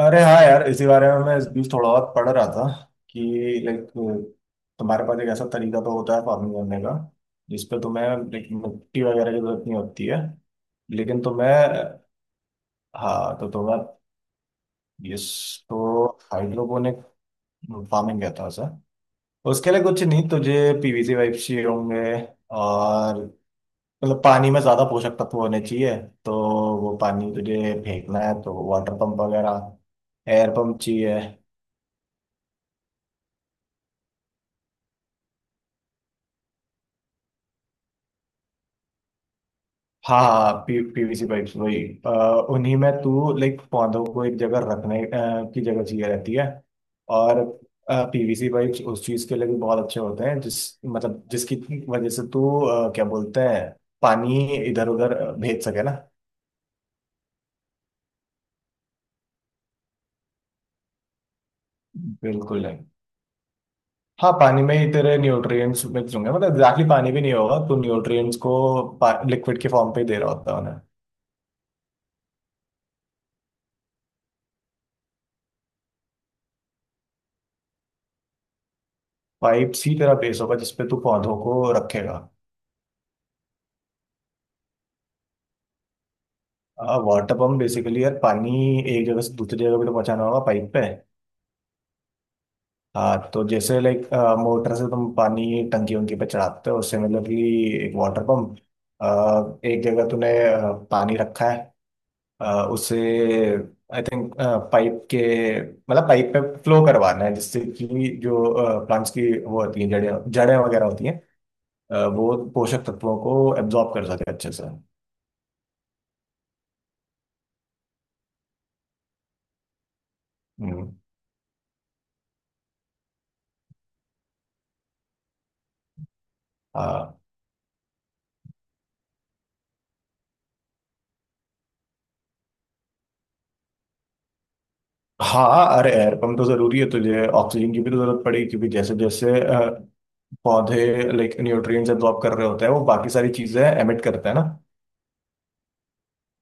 अरे हाँ यार, इसी बारे में मैं इस बीच थोड़ा बहुत पढ़ रहा था कि लाइक तुम्हारे पास एक ऐसा तरीका तो होता है फार्मिंग करने का जिसपे तुम्हें लाइक मिट्टी वगैरह की जरूरत नहीं होती है। लेकिन तुम्हें हाँ, तो तुम्हें, यस, तो हाइड्रोपोनिक फार्मिंग कहता है सर। उसके लिए कुछ नहीं, तुझे पीवीसी पाइप चाहिए होंगे। और मतलब पानी में ज्यादा पोषक तत्व होने चाहिए, तो वो पानी तुझे फेंकना है तो वाटर पंप वगैरह, एयर पंप चाहिए। हाँ, हाँ, हाँ, पी पीवीसी पाइप्स वही। अ, उन्हीं में तू लाइक पौधों को एक जगह रखने की जगह चाहिए रहती है। और पीवीसी पाइप्स उस चीज के लिए भी बहुत अच्छे होते हैं, जिस मतलब जिसकी वजह से तू क्या बोलते हैं, पानी इधर उधर भेज सके ना। बिल्कुल नहीं। हाँ, पानी में ही तेरे न्यूट्रिएंट्स मिक्स होंगे, मतलब एग्जैक्टली पानी भी नहीं होगा, तू न्यूट्रिएंट्स को लिक्विड के फॉर्म पे ही दे रहा होता है उन्हें। पाइप्स ही तेरा बेस होगा जिसपे तू पौधों को रखेगा। वाटर पंप बेसिकली यार, पानी एक जगह से दूसरी जगह पे तो पहुंचाना होगा पाइप पे। हाँ, तो जैसे लाइक मोटर से तुम पानी टंकी उनकी पे चढ़ाते हो, उससे मतलब कि एक वाटर पंप, एक जगह तूने पानी रखा है। अ, उसे आई थिंक पाइप के मतलब पाइप पे फ्लो करवाना है, जिससे कि जो प्लांट्स की वो होती है, जड़ें जड़ें वगैरह होती हैं, वो पोषक तत्वों को एब्जॉर्ब कर सके अच्छे से। हम्म। हाँ, हाँ, अरे एयर पंप तो जरूरी है, तुझे ऑक्सीजन की भी तो जरूरत पड़ेगी क्योंकि जैसे जैसे पौधे लाइक न्यूट्रिएंट्स एब्जॉर्ब कर रहे होते हैं, वो बाकी सारी चीजें एमिट करते हैं ना।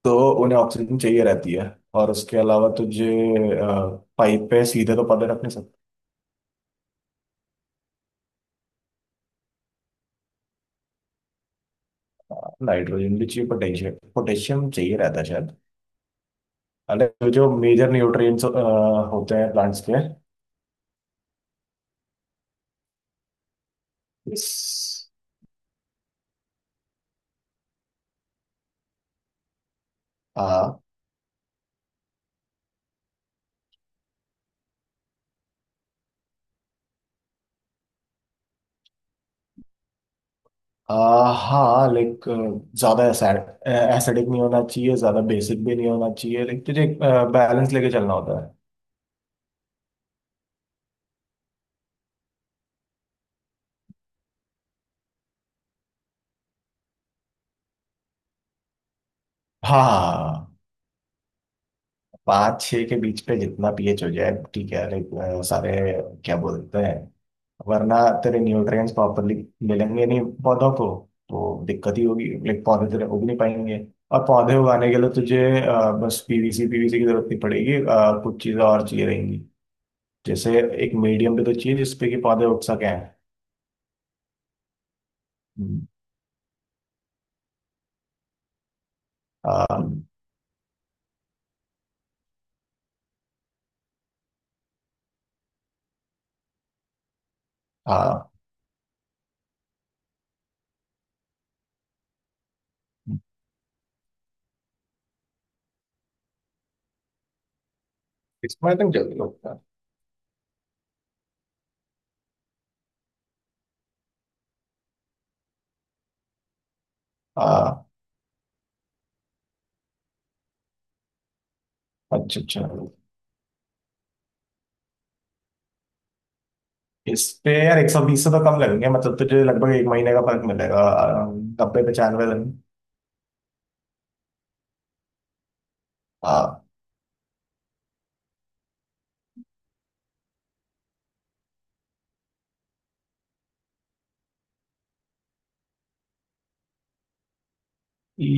तो उन्हें ऑक्सीजन चाहिए रहती है, और उसके अलावा तुझे पाइप पे सीधे तो पौधे रख नहीं सकता। नाइट्रोजन भी चाहिए, पोटेशियम पोटेशियम चाहिए रहता है शायद। अलग जो मेजर न्यूट्रिएंट्स होते हैं प्लांट्स के। आ, हाँ, लाइक ज्यादा एसिडिक नहीं होना चाहिए, ज्यादा बेसिक भी नहीं होना चाहिए, लाइक तुझे एक बैलेंस लेके चलना होता है। हाँ, हाँ, हाँ, हाँ। पाँच छः के बीच पे जितना पीएच हो जाए ठीक है, लाइक सारे क्या बोलते हैं, वरना तेरे न्यूट्रिएंट्स प्रॉपरली मिलेंगे नहीं पौधों को, तो दिक्कत ही होगी, लाइक पौधे तेरे उग नहीं पाएंगे। और पौधे उगाने के लिए तुझे बस पीवीसी पीवीसी की जरूरत नहीं पड़ेगी, कुछ चीज़ें और चाहिए रहेंगी, जैसे एक मीडियम भी तो चाहिए जिसपे कि पौधे उग सकें। हम्म। um, uh, इसमें आई थिंक जल्दी होता है। आ, अच्छा, अच्छा। इस पे यार 120 से तो कम लगेंगे, मतलब तुझे लगभग एक महीने का फर्क मिलेगा। 90 95 दिन। आ,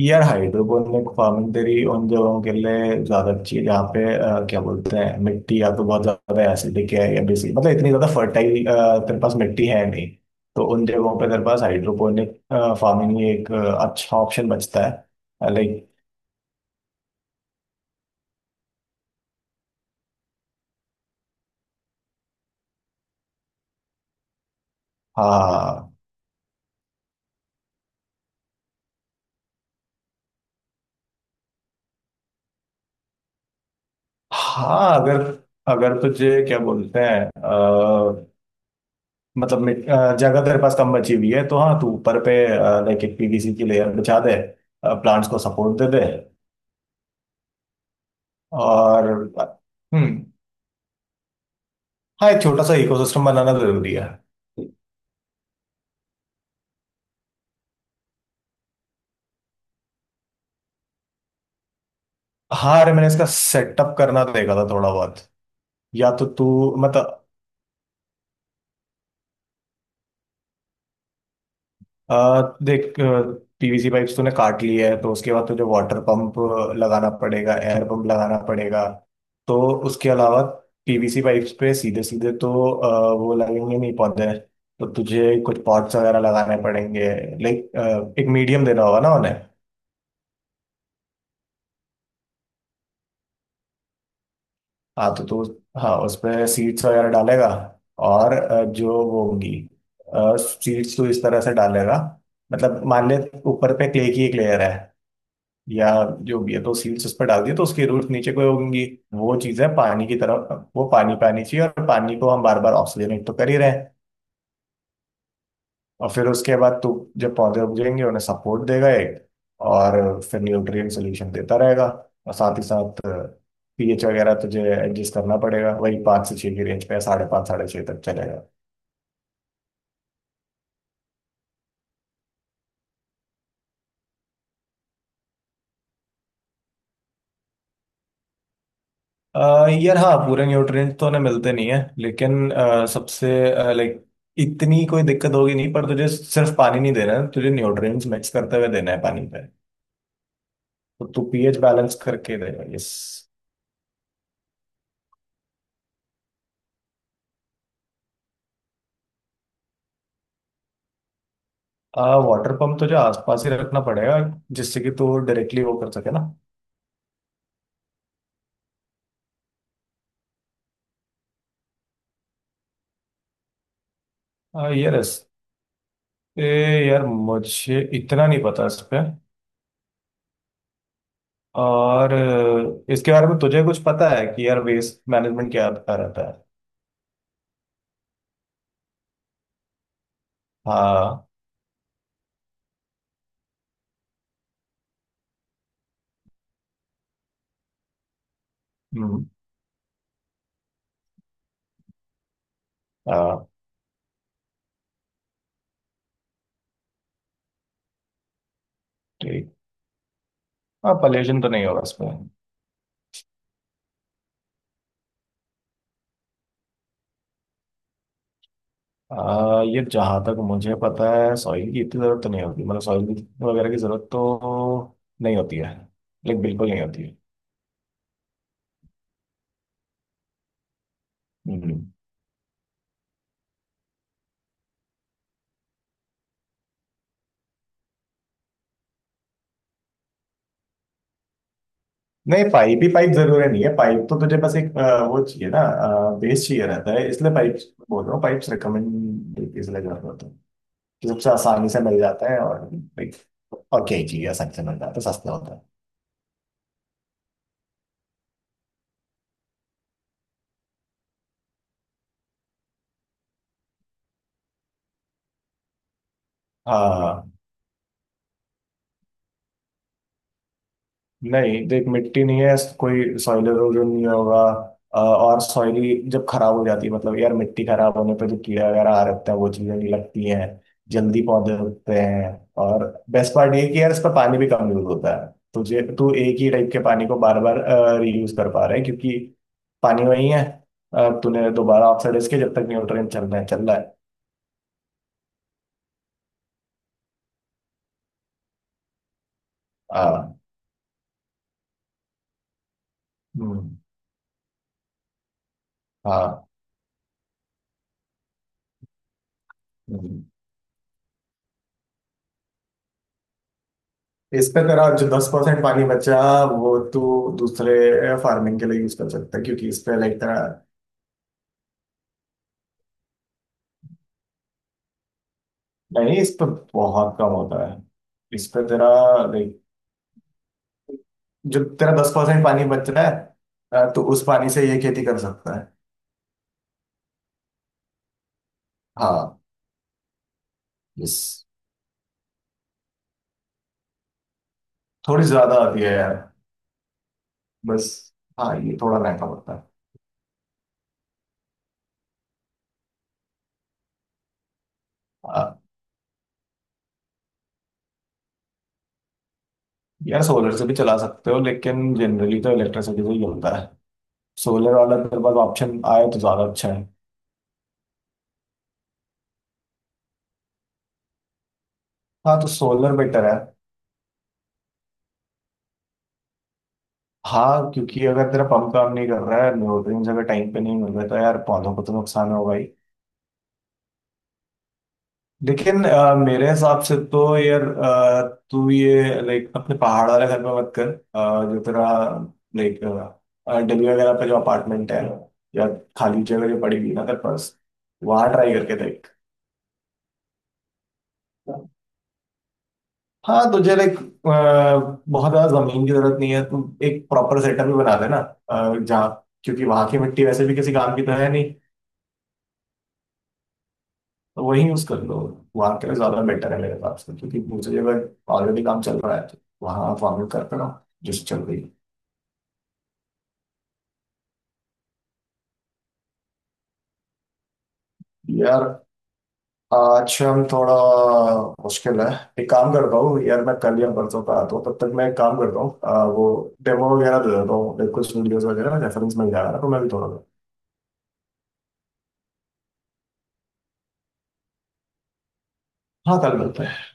यार हाइड्रोपोनिक फार्मिंग तेरी उन जगहों के लिए ज्यादा अच्छी है जहाँ पे क्या बोलते हैं, मिट्टी या तो बहुत ज्यादा एसिडिक है या बेसिक, मतलब इतनी ज्यादा फर्टाइल तेरे पास मिट्टी है नहीं, तो उन जगहों पे तेरे पास हाइड्रोपोनिक फार्मिंग ही एक अच्छा ऑप्शन बचता है, लाइक। हाँ, हाँ। अगर अगर तुझे क्या बोलते हैं, मतलब जगह तेरे पास कम बची हुई है तो हाँ, तू ऊपर पे लाइक एक पीवीसी की लेयर बिछा दे, प्लांट्स को सपोर्ट दे दे। और हम्म, हाँ, एक छोटा सा इकोसिस्टम बनाना जरूरी है। हाँ, अरे मैंने इसका सेटअप करना देखा था थोड़ा बहुत। या तो तू, मतलब देख, पीवीसी पाइप्स तूने काट ली है तो उसके बाद तुझे वाटर पंप लगाना पड़ेगा, एयर पंप लगाना पड़ेगा। तो उसके अलावा पीवीसी पाइप्स पे सीधे सीधे तो वो लगेंगे नहीं पौधे, तो तुझे कुछ पॉट्स वगैरह लगाने पड़ेंगे, लाइक एक मीडियम देना होगा ना उन्हें। हाँ, तो तू, हाँ, उस पे सीड्स वगैरह डालेगा। और जो वो होंगी सीड्स, तो इस तरह से डालेगा, मतलब मान ले ऊपर पे क्ले की एक लेयर है या जो भी है, तो सील्स उस पर डाल दिए तो उसके रूट्स नीचे को होंगी, वो चीजें पानी की तरफ। वो पानी, पानी चाहिए, और पानी को हम बार बार ऑक्सीजनेट तो कर ही रहे हैं। और फिर उसके बाद तो जब पौधे उग जाएंगे उन्हें सपोर्ट देगा एक, और फिर न्यूट्रिएंट सोल्यूशन देता रहेगा। और साथ ही साथ पीएच वगैरह तुझे एडजस्ट करना पड़ेगा, वही पाँच से छः की रेंज पे साढ़े पाँच साढ़े छः तक चलेगा। यार हाँ, पूरे न्यूट्रिएंट तो उन्हें मिलते नहीं है, लेकिन सबसे, लाइक इतनी कोई दिक्कत होगी नहीं, पर तुझे सिर्फ पानी नहीं देना है, तुझे न्यूट्रिएंट्स मिक्स करते हुए देना है पानी पे। तो तू पीएच बैलेंस करके देगा, यस। वाटर पंप तुझे आसपास ही रखना पड़ेगा जिससे कि तू डायरेक्टली वो कर सके ना। आ, यार इस ए, यार मुझे इतना नहीं पता इस पे। और इसके बारे में तुझे कुछ पता है कि यार वेस्ट मैनेजमेंट क्या क्या रहता है? हाँ, हम्म, हाँ, ठीक। हाँ, पॉल्यूशन तो नहीं होगा इसमें। ये जहाँ तक मुझे पता है सॉइल की इतनी ज़रूरत तो नहीं होती, मतलब सॉइल वगैरह की ज़रूरत तो नहीं होती है, लाइक बिल्कुल नहीं होती है। हम्म। नहीं, पाइप ही पाइप जरूरी नहीं है। पाइप तो तुझे बस एक वो चाहिए ना, बेस चाहिए रहता है, इसलिए पाइप बोल रहा हूँ। पाइप्स रिकमेंड इसलिए कर रहा होता है कि सबसे आसानी से मिल जाता है, और like, और क्या ही चाहिए, आसानी से मिल जाता है, सस्ता होता है। हाँ, हाँ, हाँ। नहीं, देख, मिट्टी नहीं है, कोई सॉइल इरोजन नहीं होगा। और सॉइली जब खराब हो जाती है, मतलब यार, मिट्टी खराब होने पे जो कीड़े वगैरह आ रहते हैं, वो चीजें नहीं लगती हैं, जल्दी पौधे उगते हैं। और बेस्ट पार्ट ये है कि यार, इसका पानी भी कम यूज होता है, तुझे तू एक ही टाइप के पानी को बार बार रीयूज कर पा रहा है, क्योंकि पानी वही है। तूने दोबारा ऑक्सीडाइज के, जब तक न्यूट्रिएंट चल रहे हैं, चल रहा है। हाँ, हम्म, हाँ, हम्म। इस पे तेरा जो 10% पानी बचा, वो तू दूसरे फार्मिंग के लिए यूज कर सकता है, क्योंकि इस पे लाइक तेरा, नहीं, इस पे बहुत कम होता है, इस पे तेरा लाइक जो तेरा 10% पानी बच रहा है, तो उस पानी से ये खेती कर सकता है। हाँ, यस, थोड़ी ज्यादा आती है यार, बस। हाँ, ये थोड़ा महंगा पड़ता है। हाँ, यार सोलर से भी चला सकते हो, लेकिन जनरली तो इलेक्ट्रिसिटी से ही होता है। सोलर वाला तेरे पास ऑप्शन आए तो ज्यादा अच्छा है। हाँ, तो सोलर बेटर है। हाँ, क्योंकि अगर तेरा पंप काम नहीं कर रहा है, न्यूट्रिएंट्स अगर टाइम पे नहीं मिल रहे तो यार, पौधों को तो नुकसान होगा ही। लेकिन मेरे हिसाब से तो यार, तू ये लाइक अपने पहाड़ वाले घर में मत कर। जो तेरा लाइक दिल्ली वगैरह पे जो अपार्टमेंट है, या खाली जगह जो पड़ी हुई है ना तेरे पास, वहाँ ट्राई करके देख। हाँ, तुझे लाइक बहुत ज्यादा जमीन की जरूरत नहीं है, तू एक प्रॉपर सेटअप भी बना देना, जहाँ, क्योंकि वहां की मिट्टी वैसे भी किसी काम की तो है नहीं, तो वही यूज कर लो। वहां के लिए ज्यादा बेटर है मेरे पास, क्योंकि दूसरी जगह ऑलरेडी काम चल रहा है, तो वहां आप फॉर्मेट करते रहो जिस चल रही है। यार आज हम थोड़ा, मुश्किल है। एक काम करता हूँ यार, मैं कल या परसों का आता हूँ, तब तक मैं एक काम करता हूँ, वो डेमो वगैरह दे देता हूँ, कुछ वीडियोस वगैरह रेफरेंस मिल जाएगा ना, तो मैं भी थोड़ा। हाँ, कल मिलते हैं।